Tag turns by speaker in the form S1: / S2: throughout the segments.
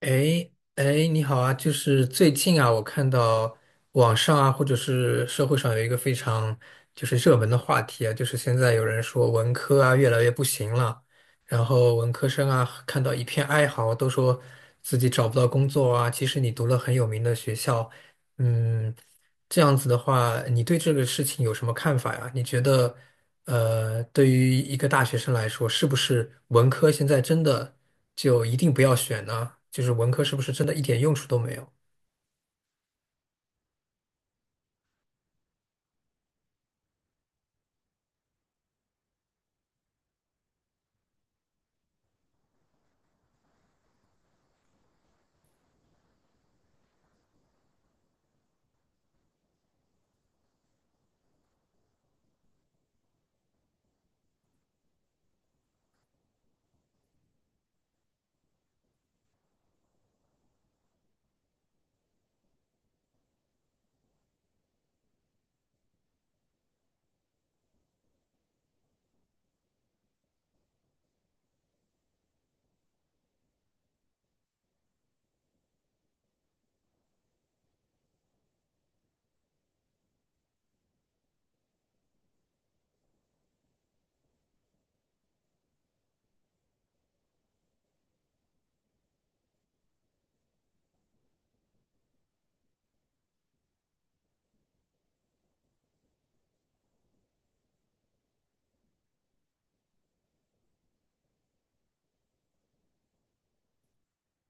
S1: 哎你好啊！就是最近啊，我看到网上啊，或者是社会上有一个非常就是热门的话题啊，就是现在有人说文科啊越来越不行了，然后文科生啊看到一片哀嚎，都说自己找不到工作啊。其实你读了很有名的学校，嗯，这样子的话，你对这个事情有什么看法呀？你觉得，对于一个大学生来说，是不是文科现在真的就一定不要选呢？就是文科是不是真的一点用处都没有？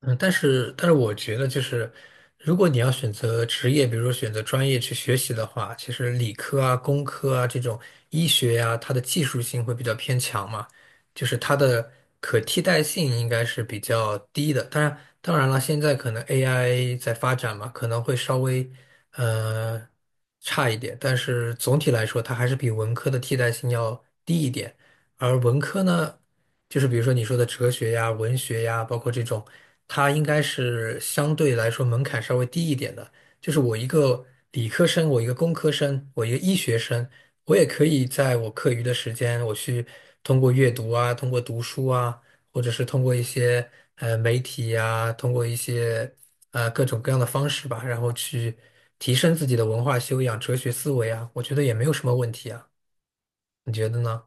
S1: 嗯，但是我觉得就是，如果你要选择职业，比如说选择专业去学习的话，其实理科啊、工科啊这种医学呀、它的技术性会比较偏强嘛，就是它的可替代性应该是比较低的。当然，当然了，现在可能 AI 在发展嘛，可能会稍微呃差一点，但是总体来说，它还是比文科的替代性要低一点。而文科呢？就是比如说你说的哲学呀、文学呀，包括这种，它应该是相对来说门槛稍微低一点的。就是我一个理科生，我一个工科生，我一个医学生，我也可以在我课余的时间，我去通过阅读啊，通过读书啊，或者是通过一些媒体呀、通过一些各种各样的方式吧，然后去提升自己的文化修养、哲学思维啊，我觉得也没有什么问题啊，你觉得呢？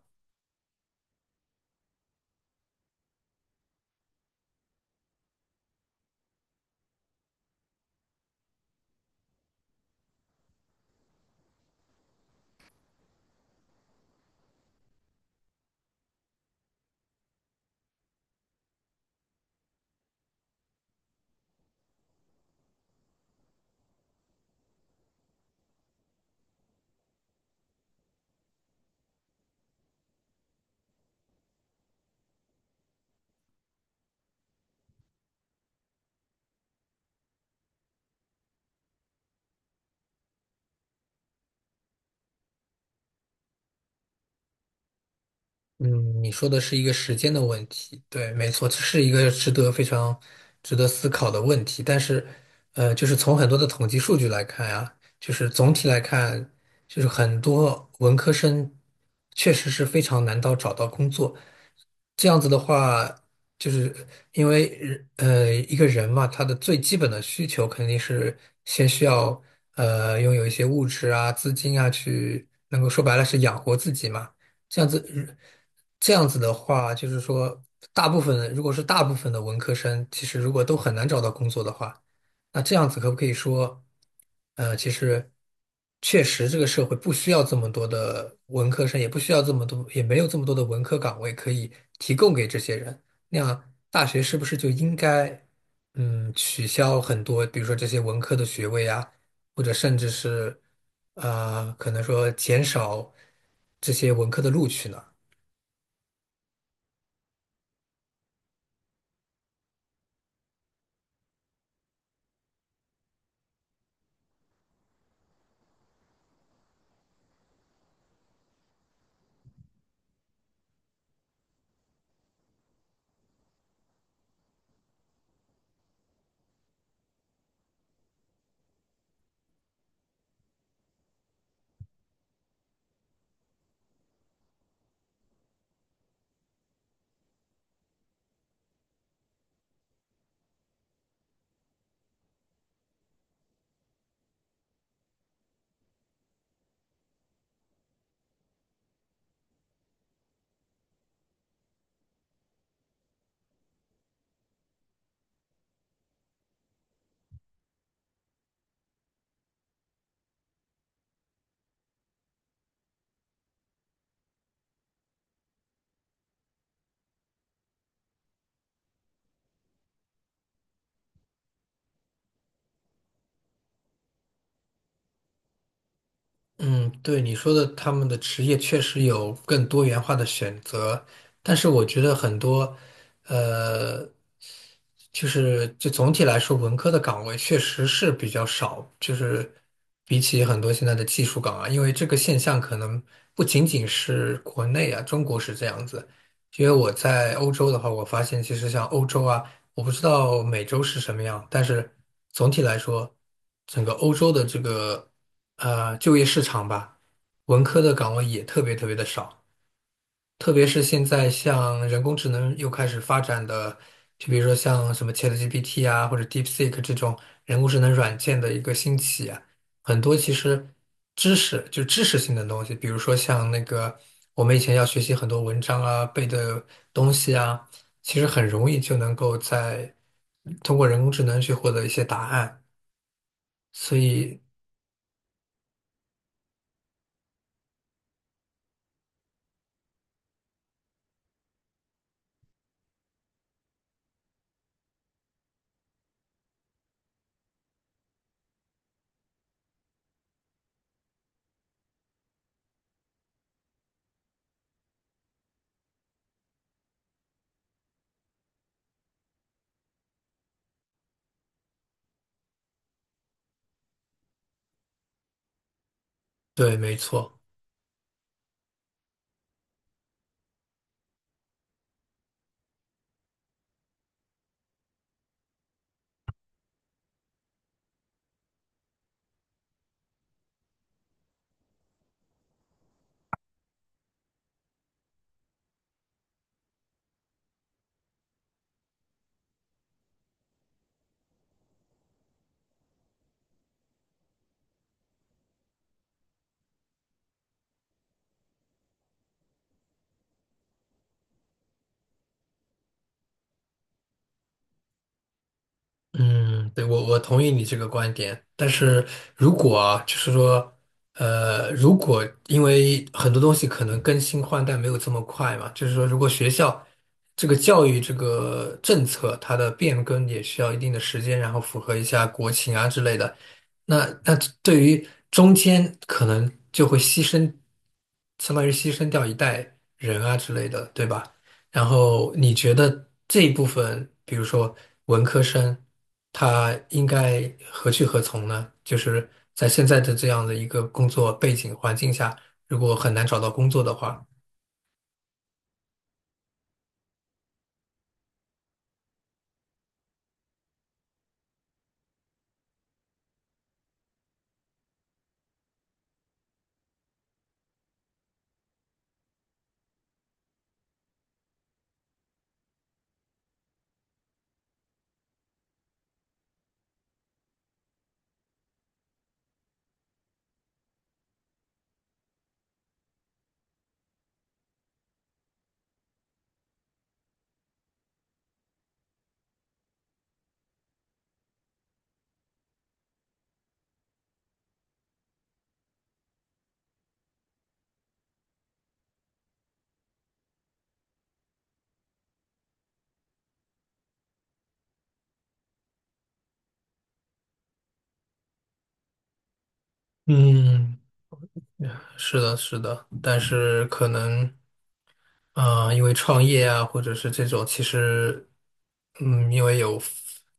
S1: 嗯，你说的是一个时间的问题，对，没错，这是一个值得非常值得思考的问题。但是，就是从很多的统计数据来看啊，就是总体来看，就是很多文科生确实是非常难到找到工作。这样子的话，就是因为一个人嘛，他的最基本的需求肯定是先需要拥有一些物质啊、资金啊，去能够说白了是养活自己嘛。这样子，这样子的话，就是说，大部分的文科生，其实如果都很难找到工作的话，那这样子可不可以说，呃，其实确实这个社会不需要这么多的文科生，也不需要这么多，也没有这么多的文科岗位可以提供给这些人。那样，大学是不是就应该，嗯，取消很多，比如说这些文科的学位啊？或者甚至是可能说减少这些文科的录取呢？嗯，对你说的，他们的职业确实有更多元化的选择，但是我觉得很多，呃。就总体来说，文科的岗位确实是比较少，就是比起很多现在的技术岗啊，因为这个现象可能不仅仅是国内啊，中国是这样子。因为我在欧洲的话，我发现其实像欧洲啊，我不知道美洲是什么样，但是总体来说，整个欧洲的这个就业市场吧，文科的岗位也特别特别的少。特别是现在像人工智能又开始发展的，就比如说像什么 ChatGPT 啊，或者 DeepSeek 这种人工智能软件的一个兴起啊，很多其实知识性的东西，比如说像那个我们以前要学习很多文章啊、背的东西啊，其实很容易就能够在通过人工智能去获得一些答案。所以，对，没错。嗯，对，我同意你这个观点，但是如果啊，就是说，呃，如果因为很多东西可能更新换代没有这么快嘛，就是说，如果学校这个教育这个政策它的变更也需要一定的时间，然后符合一下国情啊之类的，那那对于中间可能就会牺牲，相当于牺牲掉一代人啊之类的，对吧？然后你觉得这一部分，比如说文科生，他应该何去何从呢？就是在现在的这样的一个工作背景环境下，如果很难找到工作的话，嗯，是的，是的，但是可能，啊、因为创业啊，或者是这种，其实，嗯，因为有，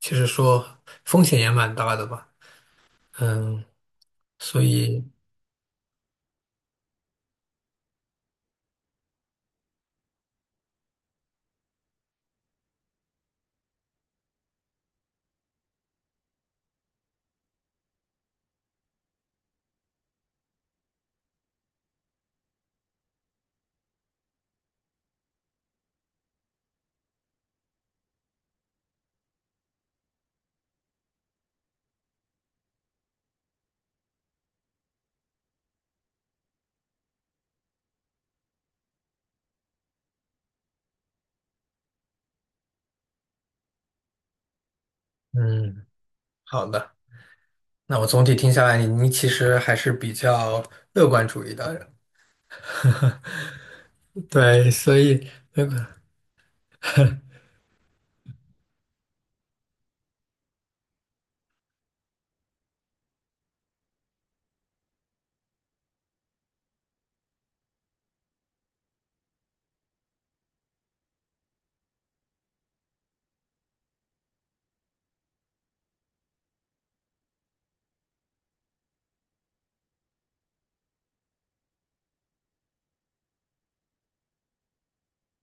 S1: 其实说风险也蛮大的吧，嗯，所以，嗯，好的。那我总体听下来，你其实还是比较乐观主义的人，对，所以那个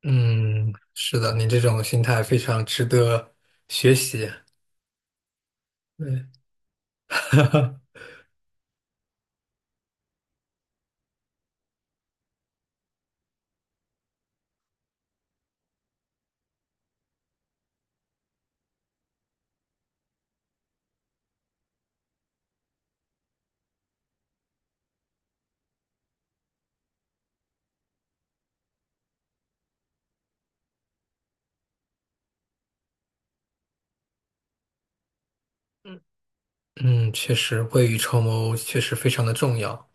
S1: 嗯，是的，你这种心态非常值得学习。对，嗯，确实，未雨绸缪确实非常的重要。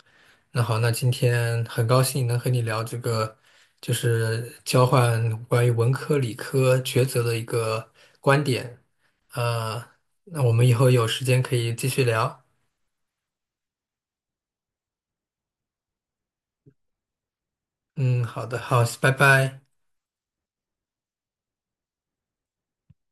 S1: 那好，那今天很高兴能和你聊这个，就是交换关于文科理科抉择的一个观点。呃，那我们以后有时间可以继续聊。嗯，好的，好，拜拜。